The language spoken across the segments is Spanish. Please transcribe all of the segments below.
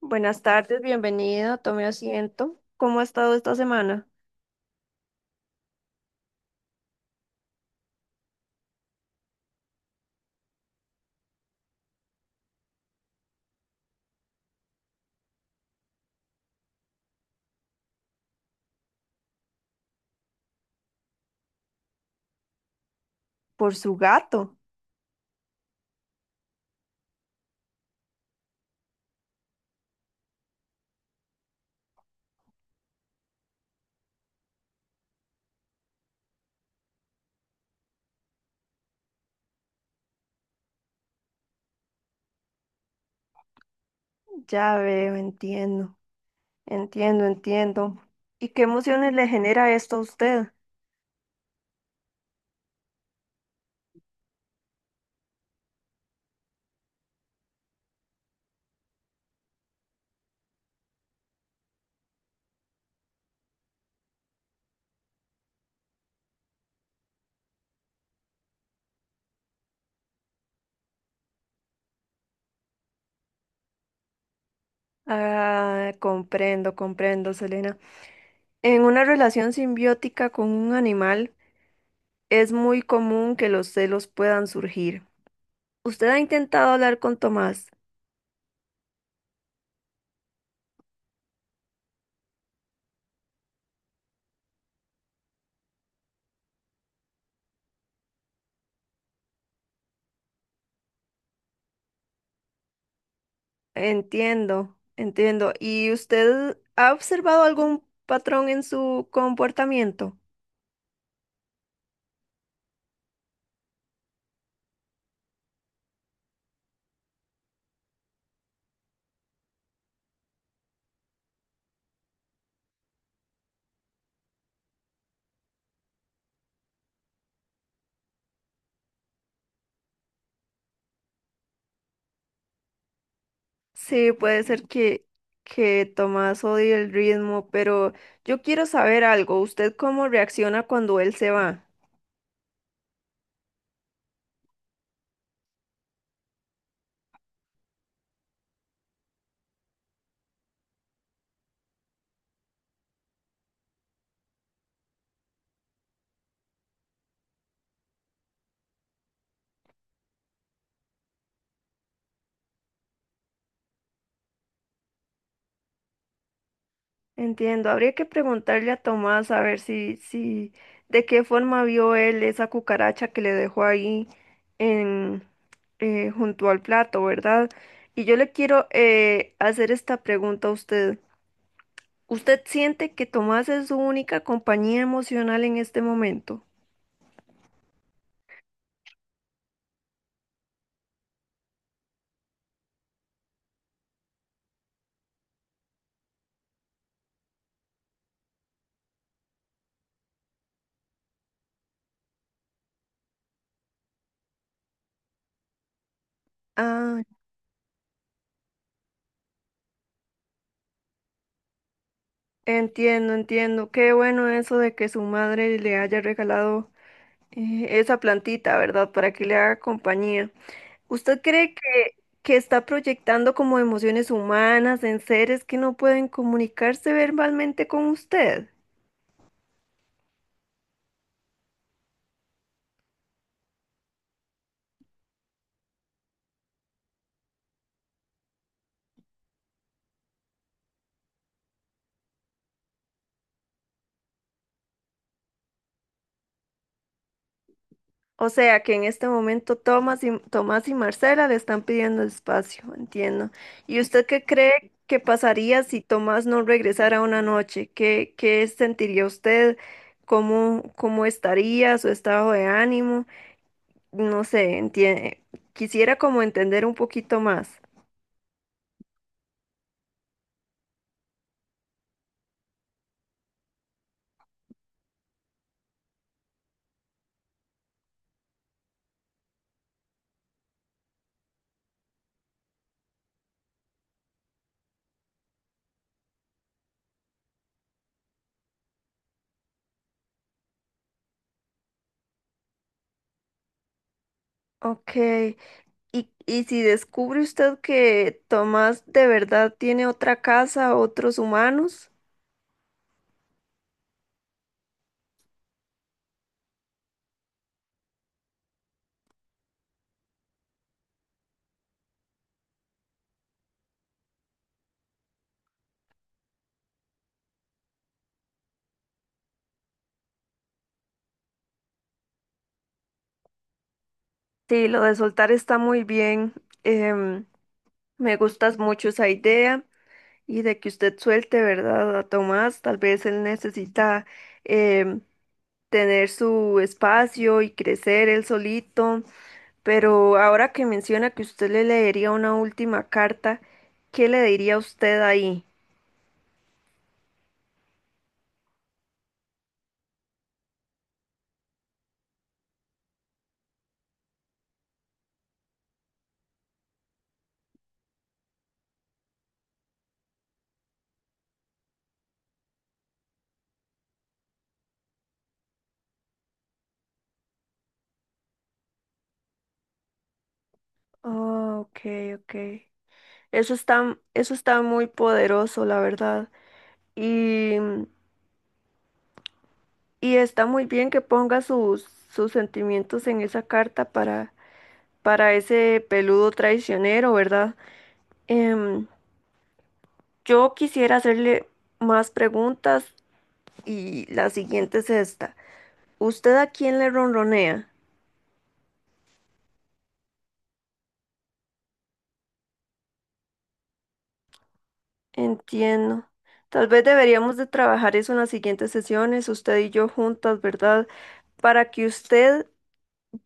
Buenas tardes, bienvenido, tome asiento. ¿Cómo ha estado esta semana? Por su gato. Ya veo, entiendo, entiendo. ¿Y qué emociones le genera esto a usted? Ah, comprendo, comprendo, Selena. En una relación simbiótica con un animal, es muy común que los celos puedan surgir. ¿Usted ha intentado hablar con Tomás? Entiendo, entiendo. ¿Y usted ha observado algún patrón en su comportamiento? Sí, puede ser que Tomás odie el ritmo, pero yo quiero saber algo. ¿Usted cómo reacciona cuando él se va? Entiendo, habría que preguntarle a Tomás a ver si, si, de qué forma vio él esa cucaracha que le dejó ahí en, junto al plato, ¿verdad? Y yo le quiero hacer esta pregunta a usted. ¿Usted siente que Tomás es su única compañía emocional en este momento? Ah, entiendo, entiendo. Qué bueno eso de que su madre le haya regalado esa plantita, ¿verdad? Para que le haga compañía. ¿Usted cree que está proyectando como emociones humanas en seres que no pueden comunicarse verbalmente con usted? O sea, que en este momento Tomás y Marcela le están pidiendo espacio, entiendo. ¿Y usted qué cree que pasaría si Tomás no regresara una noche? Qué sentiría usted? Cómo estaría su estado de ánimo? No sé, entiende. Quisiera como entender un poquito más. Ok. Y si descubre usted que Tomás de verdad tiene otra casa, otros humanos, sí, lo de soltar está muy bien. Em, Me gustas mucho esa idea y de que usted suelte, ¿verdad? A Tomás, tal vez él necesita em, tener su espacio y crecer él solito. Pero ahora que menciona que usted le leería una última carta, ¿qué le diría usted ahí? Oh, ok, ok. Eso está muy poderoso, la verdad. Y, y está muy bien que ponga sus sentimientos en esa carta para ese peludo traicionero, ¿verdad? Em, yo quisiera hacerle más preguntas y la siguiente es esta. ¿Usted a quién le ronronea? Entiendo. Tal vez deberíamos de trabajar eso en las siguientes sesiones, usted y yo juntas, ¿verdad? Para que usted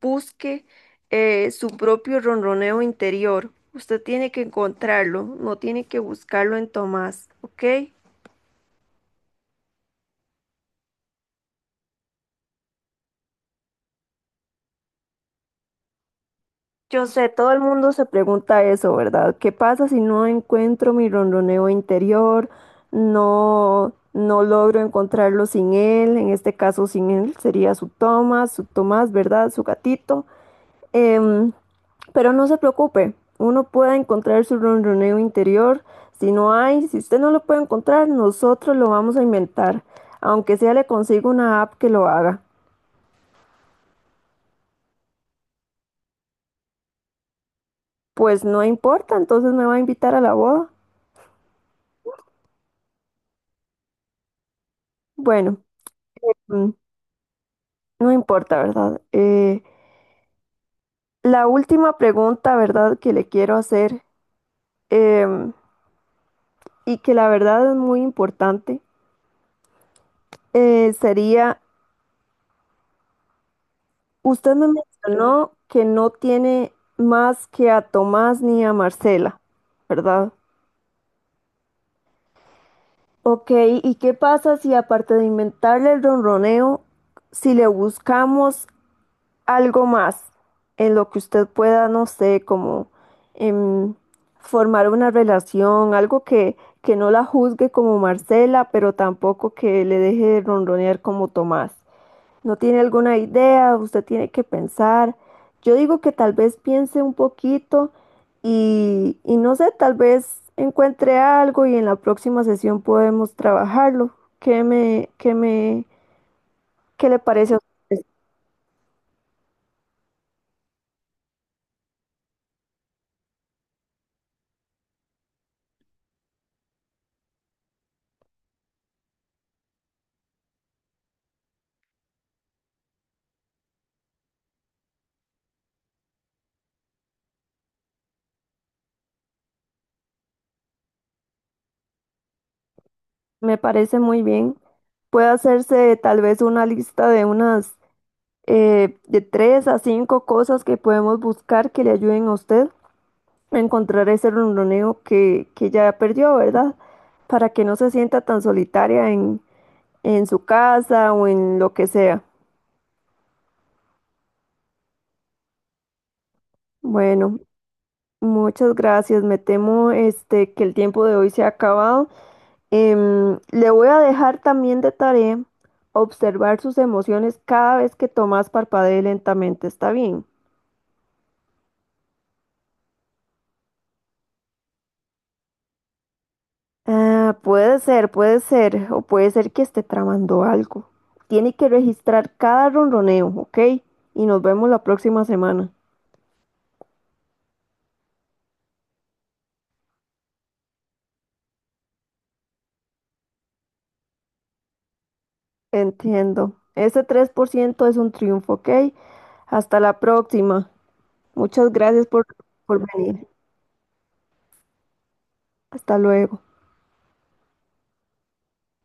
busque su propio ronroneo interior. Usted tiene que encontrarlo, no tiene que buscarlo en Tomás, ¿ok? Yo sé, todo el mundo se pregunta eso, ¿verdad? ¿Qué pasa si no encuentro mi ronroneo interior? No, no logro encontrarlo sin él, en este caso sin él sería su Tomás, ¿verdad? Su gatito. Em, pero no se preocupe, uno puede encontrar su ronroneo interior. Si no hay, si usted no lo puede encontrar, nosotros lo vamos a inventar. Aunque sea le consigo una app que lo haga. Pues no importa, entonces me va a invitar a la boda. Bueno, mm, no importa, ¿verdad? La última pregunta, ¿verdad?, que le quiero hacer, em, y que la verdad es muy importante, sería usted me mencionó que no tiene más que a Tomás ni a Marcela, ¿verdad? Ok, ¿y qué pasa si aparte de inventarle el ronroneo, si le buscamos algo más en lo que usted pueda, no sé, como em, formar una relación, algo que no la juzgue como Marcela, pero tampoco que le deje de ronronear como Tomás? No tiene alguna idea, usted tiene que pensar. Yo digo que tal vez piense un poquito y no sé, tal vez encuentre algo y en la próxima sesión podemos trabajarlo. ¿Qué me, qué me, qué le parece a usted? Me parece muy bien. Puede hacerse tal vez una lista de unas, de 3 a 5 cosas que podemos buscar que le ayuden a usted encontrar ese ronroneo que ya perdió, ¿verdad? Para que no se sienta tan solitaria en su casa o en lo que sea. Bueno, muchas gracias. Me temo este, que el tiempo de hoy se ha acabado. Le voy a dejar también de tarea observar sus emociones cada vez que Tomás parpadee lentamente. ¿Está bien? Ah, puede ser, o puede ser que esté tramando algo. Tiene que registrar cada ronroneo, ¿ok? Y nos vemos la próxima semana. Entiendo. Ese 3% es un triunfo, ¿ok? Hasta la próxima. Muchas gracias por venir. Hasta luego.